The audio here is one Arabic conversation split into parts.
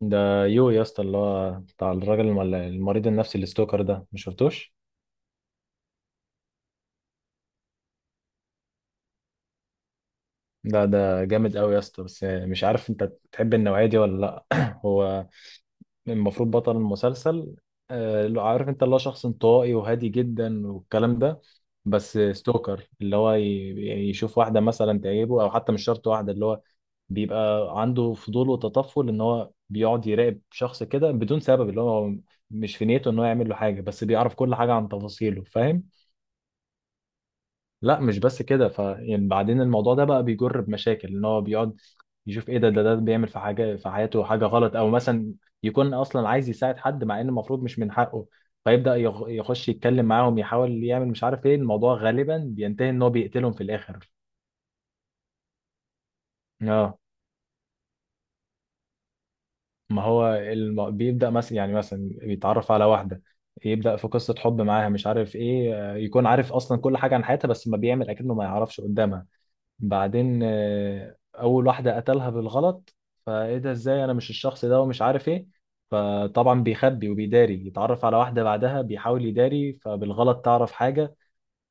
ده يو يا اسطى اللي هو بتاع الراجل المريض النفسي اللي ستوكر ده، مش شفتوش؟ ده جامد قوي يا اسطى، بس مش عارف انت تحب النوعيه دي ولا لا. هو المفروض بطل المسلسل، اللي هو عارف، انت اللي هو شخص انطوائي وهادي جدا والكلام ده. بس ستوكر، اللي هو يشوف واحده مثلا تعجبه، او حتى مش شرط واحده. اللي هو بيبقى عنده فضول وتطفل، ان هو بيقعد يراقب شخص كده بدون سبب. اللي هو مش في نيته ان هو يعمل له حاجه، بس بيعرف كل حاجه عن تفاصيله، فاهم؟ لا مش بس كده، ف يعني بعدين الموضوع ده بقى بيجر بمشاكل، ان هو بيقعد يشوف ايه ده، ده بيعمل في حاجه في حياته حاجه غلط، او مثلا يكون اصلا عايز يساعد حد مع ان المفروض مش من حقه. فيبدا يخش يتكلم معاهم، يحاول يعمل مش عارف ايه. الموضوع غالبا بينتهي ان هو بيقتلهم في الاخر. اه، ما هو بيبدا مثلا، يعني مثلا بيتعرف على واحده، يبدا في قصه حب معاها مش عارف ايه، يكون عارف اصلا كل حاجه عن حياتها، بس ما بيعمل، اكنه ما يعرفش قدامها. بعدين اول واحده قتلها بالغلط. فايه ده، ازاي، انا مش الشخص ده، ومش عارف ايه. فطبعا بيخبي وبيداري، يتعرف على واحده بعدها بيحاول يداري، فبالغلط تعرف حاجه،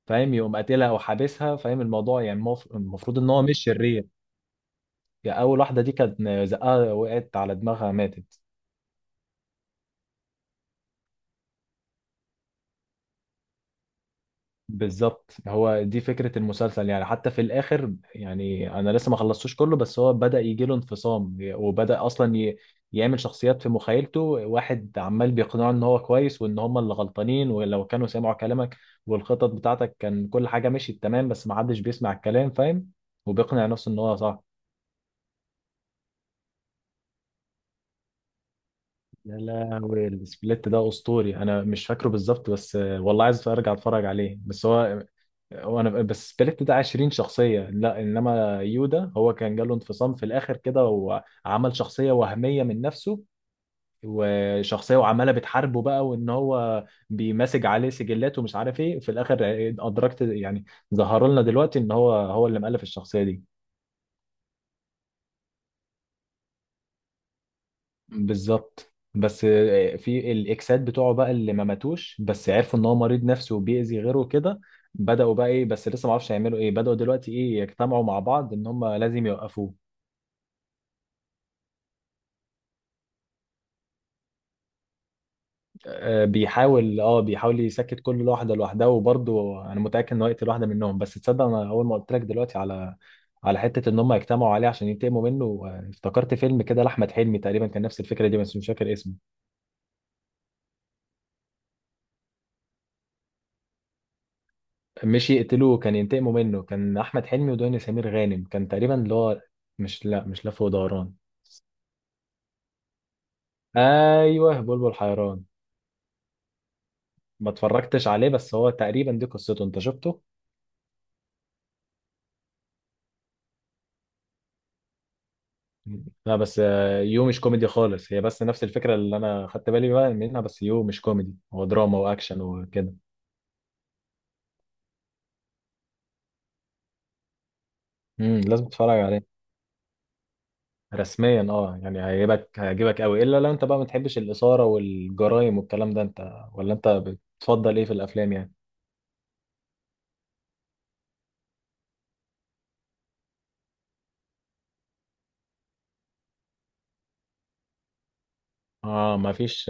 فاهم؟ يقوم قاتلها او حابسها. فاهم الموضوع؟ يعني المفروض ان هو مش شرير. يعني اول واحده دي كانت زقها، وقعت على دماغها، ماتت. بالظبط، هو دي فكرة المسلسل. يعني حتى في الآخر، يعني أنا لسه ما خلصتوش كله، بس هو بدأ يجيله انفصام، وبدأ أصلا يعمل شخصيات في مخيلته. واحد عمال بيقنعه إن هو كويس، وإن هم اللي غلطانين، ولو كانوا سمعوا كلامك والخطط بتاعتك كان كل حاجة مشيت تمام، بس ما حدش بيسمع الكلام، فاهم؟ وبيقنع نفسه إن هو صح. يا لهوي، السبليت ده أسطوري. أنا مش فاكره بالظبط، بس والله عايز أرجع أتفرج عليه، بس هو وانا، بس سبليت ده 20 شخصية، لا انما يودا هو كان جاله انفصام في الاخر كده، وعمل شخصية وهمية من نفسه، وشخصية، وعمالة بتحاربه بقى، وان هو بيمسج عليه سجلات ومش عارف ايه. في الاخر ادركت يعني، ظهر لنا دلوقتي ان هو هو اللي مؤلف الشخصية دي. بالظبط، بس في الاكسات بتوعه بقى اللي ما ماتوش، بس عرفوا ان هو مريض نفسي وبيأذي غيره كده، بدأوا بقى ايه، بس لسه ما اعرفش هيعملوا ايه، بدأوا دلوقتي ايه، يجتمعوا مع بعض، ان هم لازم يوقفوه. بيحاول، اه بيحاول يسكت كل واحده لوحدها، وبرضه انا متاكد انه هيقتل واحده منهم. بس تصدق، انا اول ما قلت لك دلوقتي على، على حته ان هم يجتمعوا عليه عشان ينتقموا منه، افتكرت فيلم كده لاحمد حلمي تقريبا كان نفس الفكره دي، بس مش فاكر اسمه. مش يقتلوه، كان ينتقموا منه. كان احمد حلمي ودنيا سمير غانم، كان تقريبا اللي هو، مش، لا مش لف ودوران. ايوه بلبل حيران. ما اتفرجتش عليه، بس هو تقريبا دي قصته، انت شفته؟ لا بس يو مش كوميدي خالص، هي بس نفس الفكرة اللي أنا خدت بالي بقى منها، بس يو مش كوميدي، هو دراما وأكشن وكده. امم، لازم تتفرج عليه. رسميا اه، يعني هيعجبك، هيعجبك قوي، إلا لو أنت بقى ما بتحبش الإثارة والجرايم والكلام ده. أنت ولا أنت بتفضل إيه في الأفلام يعني؟ اه ما فيش.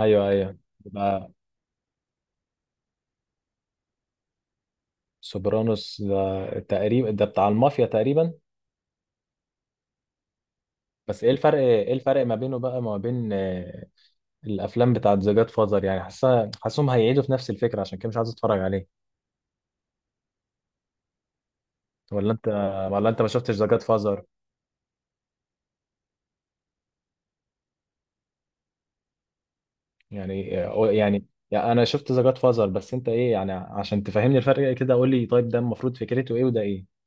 أيوه أيوه، يبقى سوبرانوس ده تقريبا ده بتاع المافيا تقريبا. بس إيه الفرق، إيه الفرق ما بينه بقى ما بين الافلام بتاعت ذا جاد فازر؟ يعني حاسه، حاسسهم هيعيدوا في نفس الفكره، عشان كده مش عايز اتفرج عليه. ولا انت، ولا انت ما شفتش ذا جاد فازر؟ يعني، يعني، يعني انا شفت ذا جاد فازر، بس انت ايه يعني، عشان تفهمني الفرق كده، قول لي طيب ده المفروض فكرته ايه وده ايه.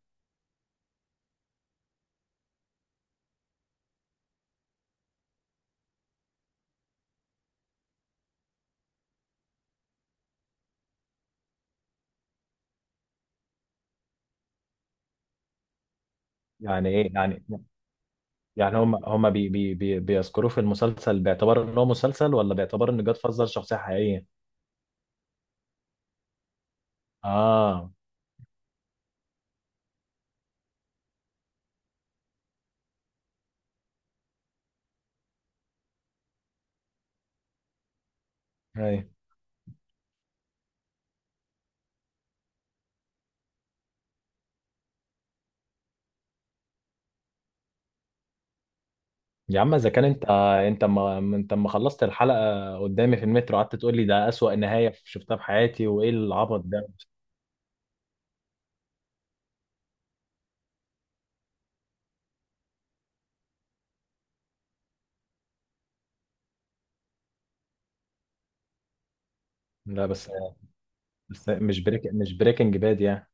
يعني ايه يعني، يعني هم، هم بي بي بي بيذكروه في المسلسل باعتبار ان هو مسلسل، ولا باعتبار ان جاد فازر شخصيه حقيقيه؟ اه. ايوه. يا عم، اذا كان انت، انت ما خلصت الحلقه، قدامي في المترو قعدت تقول لي ده اسوأ نهايه شفتها في حياتي وايه العبط ده. لا بس مش، بريك مش بريكنج باد يعني.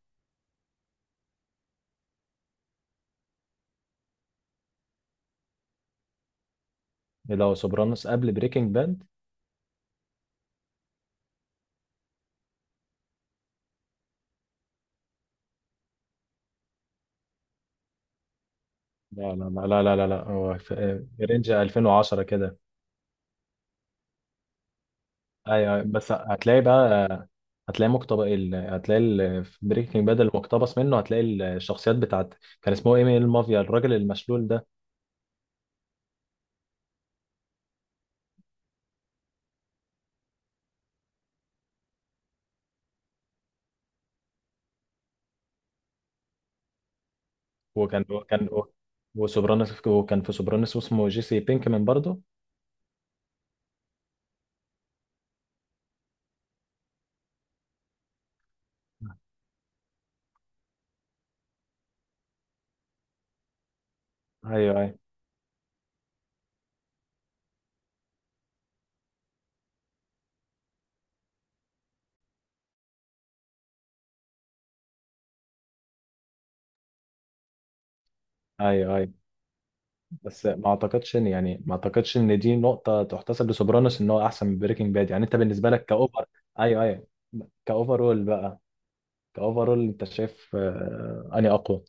إيه ده، هو سوبرانوس قبل بريكنج باد؟ لا لا لا لا لا لا لا، هو في رينج 2010 كده. ايوه أيوة، بس هتلاقي بقى، هتلاقي مقتبس. هتلاقي في بريكنج باد المقتبس منه، هتلاقي الشخصيات بتاعت، كان اسمه ايه، من المافيا الراجل المشلول ده. وكان وسوبرانوس، وكان في سوبرانوس اسمه جيسي بينكمان برضه. ايوه ايوه ايوه ايوه. بس ما اعتقدش ان، يعني ما اعتقدش ان دي نقطه تحتسب لسوبرانوس ان هو احسن من بريكنج باد. يعني انت بالنسبه لك كاوفر؟ ايوه ايوه. كاوفرول بقى. كاوفرول انت شايف اني اقوى؟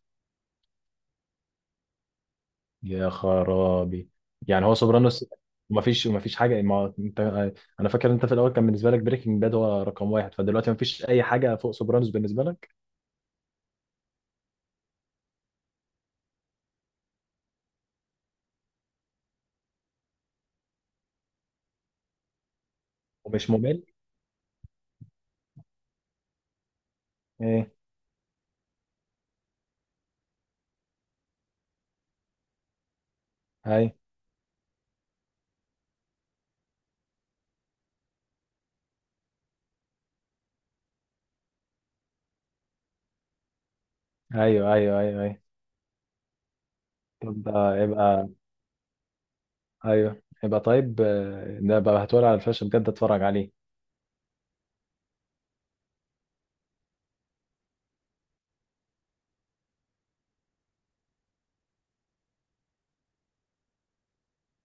يا خرابي. يعني هو سوبرانوس ما فيش، ما فيش حاجه، ما انت انا فاكر انت في الاول كان بالنسبه لك بريكنج باد هو رقم واحد، فدلوقتي ما فيش اي حاجه فوق سوبرانوس بالنسبه لك. ومش ممل. ايه؟ هاي. ايوه ايوه ايوه ايوه. طب ده يبقى، ايوه يبقى طيب، ده بقى هتقول على الفلاش، بجد اتفرج عليه.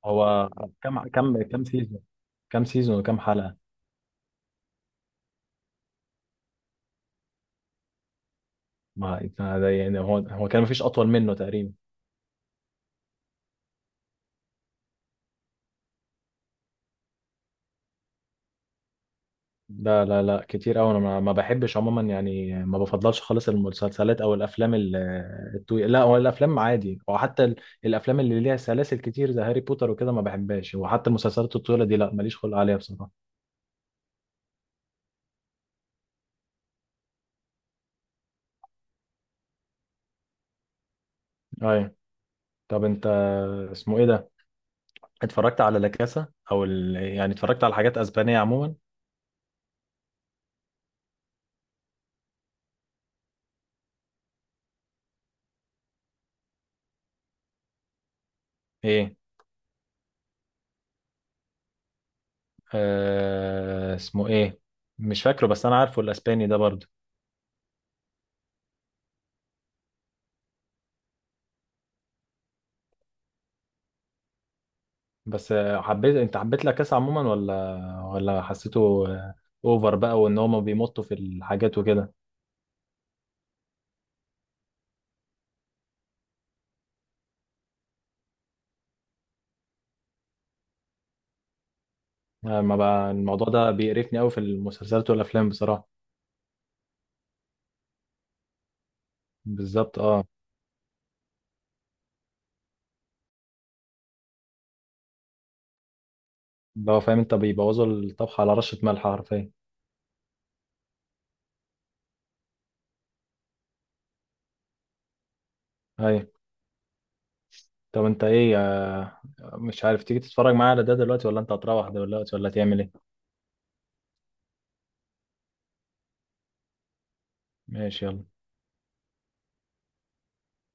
هو كم كم كم سيزون كم سيزون وكم حلقة؟ ما ده يعني، هو هو كان مفيش اطول منه تقريبا. لا لا لا، كتير قوي. انا ما بحبش عموما، يعني ما بفضلش خالص المسلسلات او الافلام الطويله. لا هو الافلام عادي، وحتى الافلام اللي ليها سلاسل كتير زي هاري بوتر وكده ما بحبهاش، وحتى المسلسلات الطويله دي لا، ماليش خلق عليها بصراحه. ايوه. طب انت، اسمه ايه ده، اتفرجت على لاكاسا او يعني اتفرجت على حاجات اسبانيه عموما؟ ايه؟ اسمه ايه، مش فاكره، بس انا عارفه الاسباني ده برضه. بس حبيت، انت حبيت لاكاسا عموما، ولا ولا حسيته اوفر بقى، وان هما بيمطوا في الحاجات وكده؟ ما بقى الموضوع ده بيقرفني قوي في المسلسلات والافلام بصراحه. بالظبط اه. اللي هو، فاهم انت، بيبوظوا الطبخ على رشه ملح حرفيا. ايوه. طب انت ايه مش عارف تيجي تتفرج معايا على ده دلوقتي، ولا انت هتروح دلوقتي، ولا تعمل ايه؟ ماشي، يلا.